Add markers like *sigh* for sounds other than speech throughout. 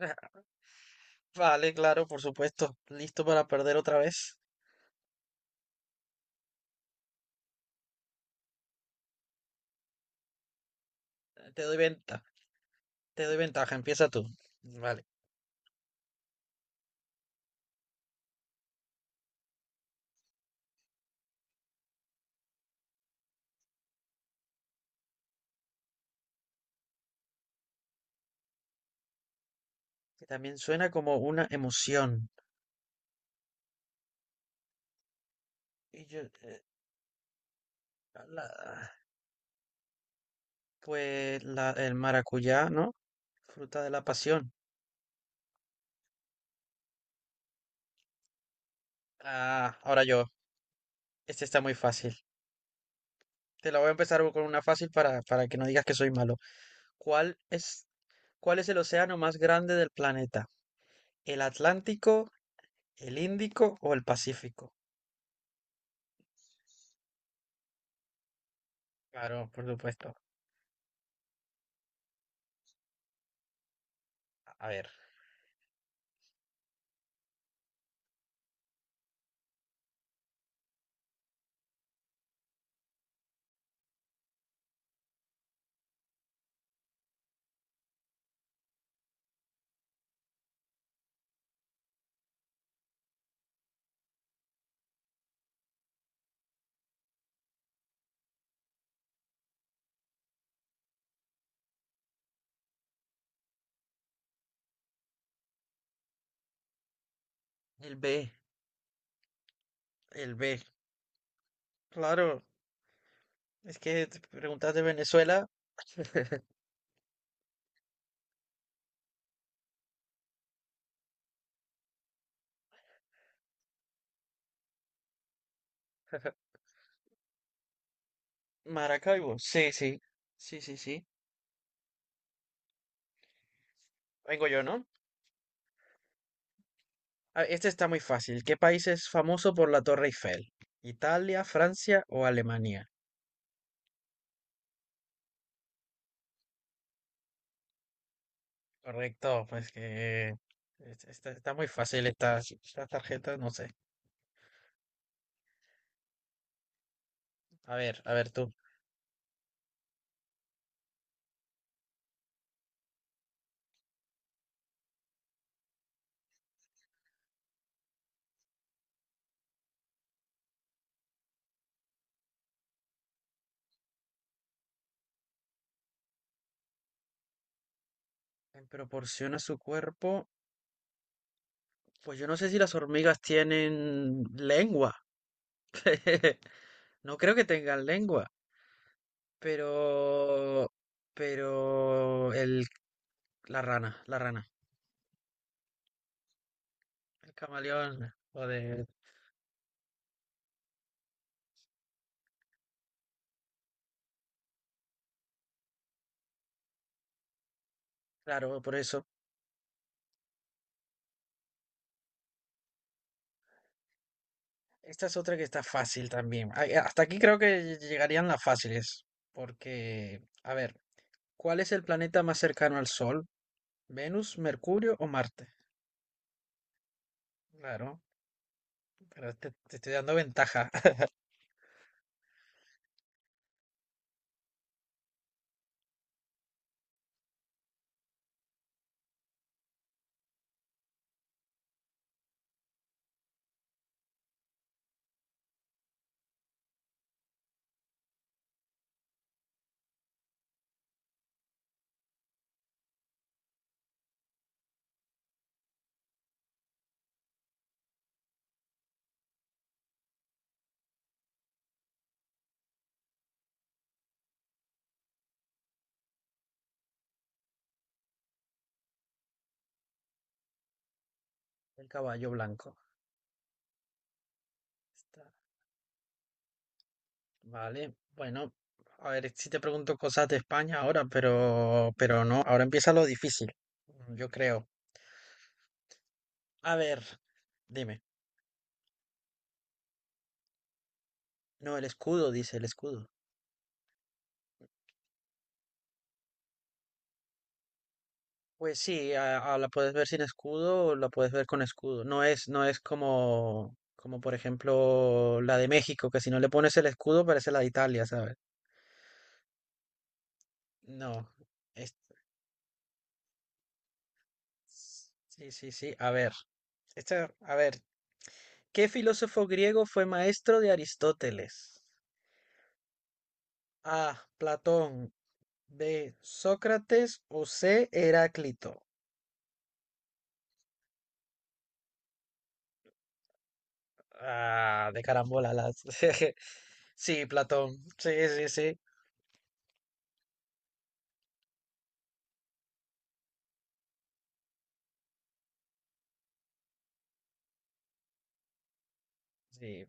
*laughs* Vale, claro, por supuesto. Listo para perder otra vez. Eh, Te doy venta, te doy ventaja. Empieza tú. Vale. Que también suena como una emoción. Y yo, la- pues el maracuyá, ¿no? Fruta de la pasión. Ah, ahora yo. Este está muy fácil. Te la voy a empezar con una fácil para que no digas que soy malo. ¿Cuál es, cuál es el océano más grande del planeta? ¿El Atlántico, el Índico o el Pacífico? Claro, por supuesto. A ver. El B, el B, claro. Es que te preguntas de Venezuela, Maracaibo. Sí, sí, sí, sí, sí. Vengo yo, ¿no? Ah, este está muy fácil. ¿Qué país es famoso por la Torre Eiffel? ¿Italia, Francia o Alemania? Correcto, pues que está muy fácil esta tarjeta, no sé. A ver tú. En proporción a su cuerpo, pues yo no sé si las hormigas tienen lengua. *laughs* No creo que tengan lengua. Pero, pero la rana, el camaleón, claro, por eso. Esta es otra que está fácil también. Ay, hasta aquí creo que llegarían las fáciles, porque, a ver, ¿cuál es el planeta más cercano al Sol? ¿Venus, Mercurio o Marte? Claro, pero te estoy dando ventaja. *laughs* El caballo blanco. Está. Vale, bueno, a ver si te pregunto cosas de España ahora, pero no, ahora empieza lo difícil, yo creo. A ver, dime. No, el escudo, dice el escudo. Pues sí, a la puedes ver sin escudo o la puedes ver con escudo. No es como por ejemplo la de México, que si no le pones el escudo parece la de Italia, ¿sabes? No. es- Sí, sí, sí. A ver, ¿qué filósofo griego fue maestro de Aristóteles? A, Platón. B, Sócrates. O C, Heráclito. Ah, de carambola las. *laughs* Sí, Platón. Sí, sí, sí. Sí.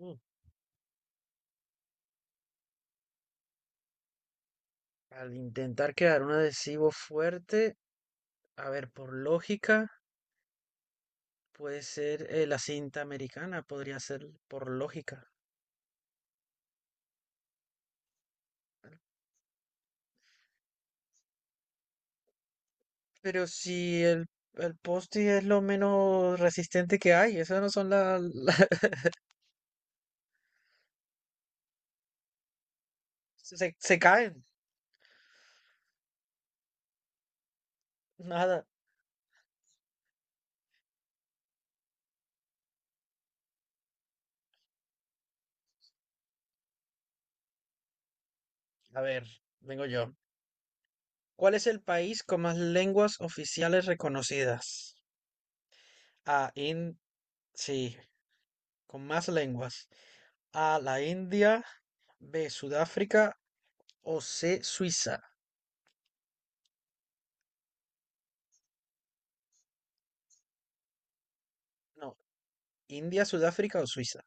Mm. Al intentar crear un adhesivo fuerte, a ver, por lógica, puede ser la cinta americana, podría ser por lógica. Pero si el post es lo menos resistente que hay, esas no son las... *laughs* se caen. Nada. A ver, vengo yo. ¿Cuál es el país con más lenguas oficiales reconocidas? A, sí, con más lenguas. A, la India. B, Sudáfrica. O C, Suiza. No, India, Sudáfrica o Suiza.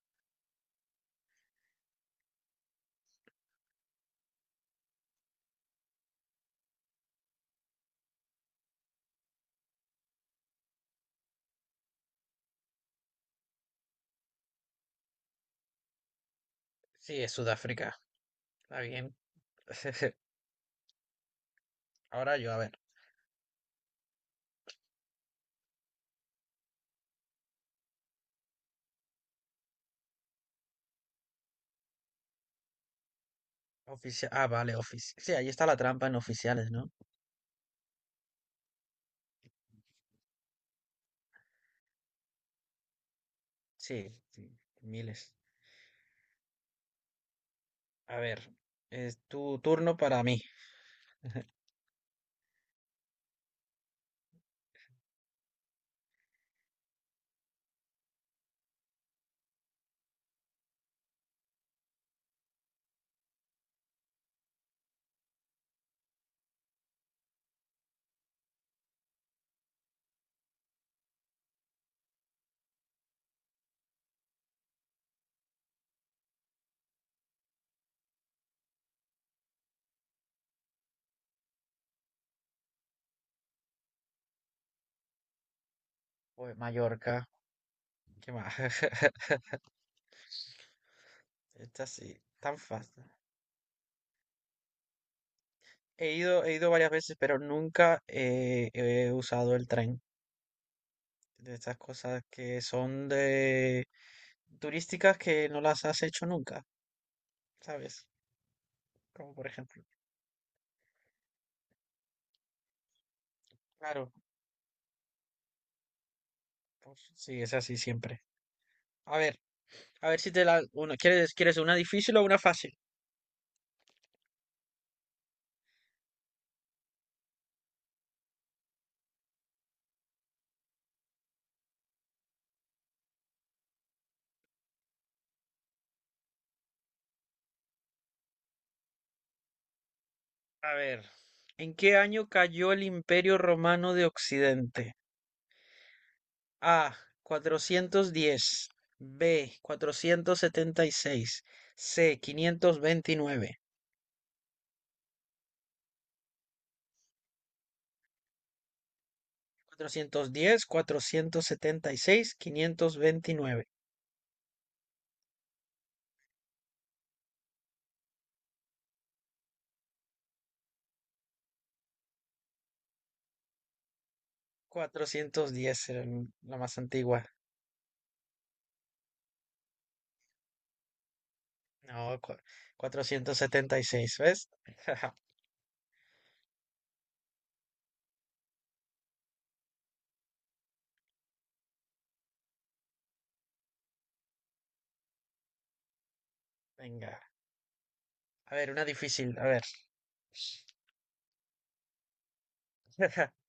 Sí, es Sudáfrica. Está bien. *laughs* Ahora yo, a ver. Ah, vale, oficial. Sí, ahí está la trampa en oficiales, ¿no? Sí, sí, miles. A ver, es tu turno para mí. *laughs* Pues Mallorca. ¿Qué más? *laughs* Esta sí, tan fácil. He ido varias veces, pero nunca he usado el tren. De estas cosas que son de turísticas que no las has hecho nunca, ¿sabes? Como por ejemplo. Claro, pues sí, es así siempre. A ver, a ver si te la... Una, ¿quieres una difícil o una fácil? A ver, ¿en qué año cayó el Imperio Romano de Occidente? A, 410. B, 476. C, 529. 410, 476, 529. 410 era la más antigua. No, cuatrocientos setenta y seis, ¿ves? *laughs* Venga. A ver, una difícil. A ver. *laughs*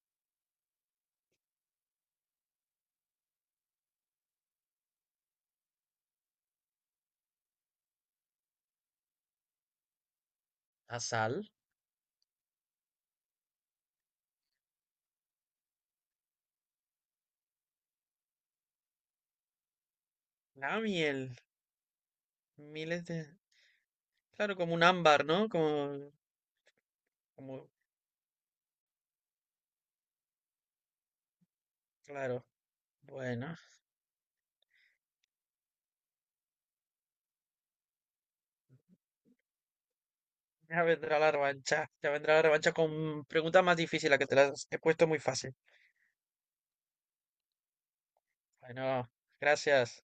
La sal, la miel, miles de... Claro, como un ámbar, ¿no? Como, claro. Bueno. Ya vendrá la revancha, ya vendrá la revancha con preguntas más difíciles, que te las he puesto muy fácil. Bueno, gracias.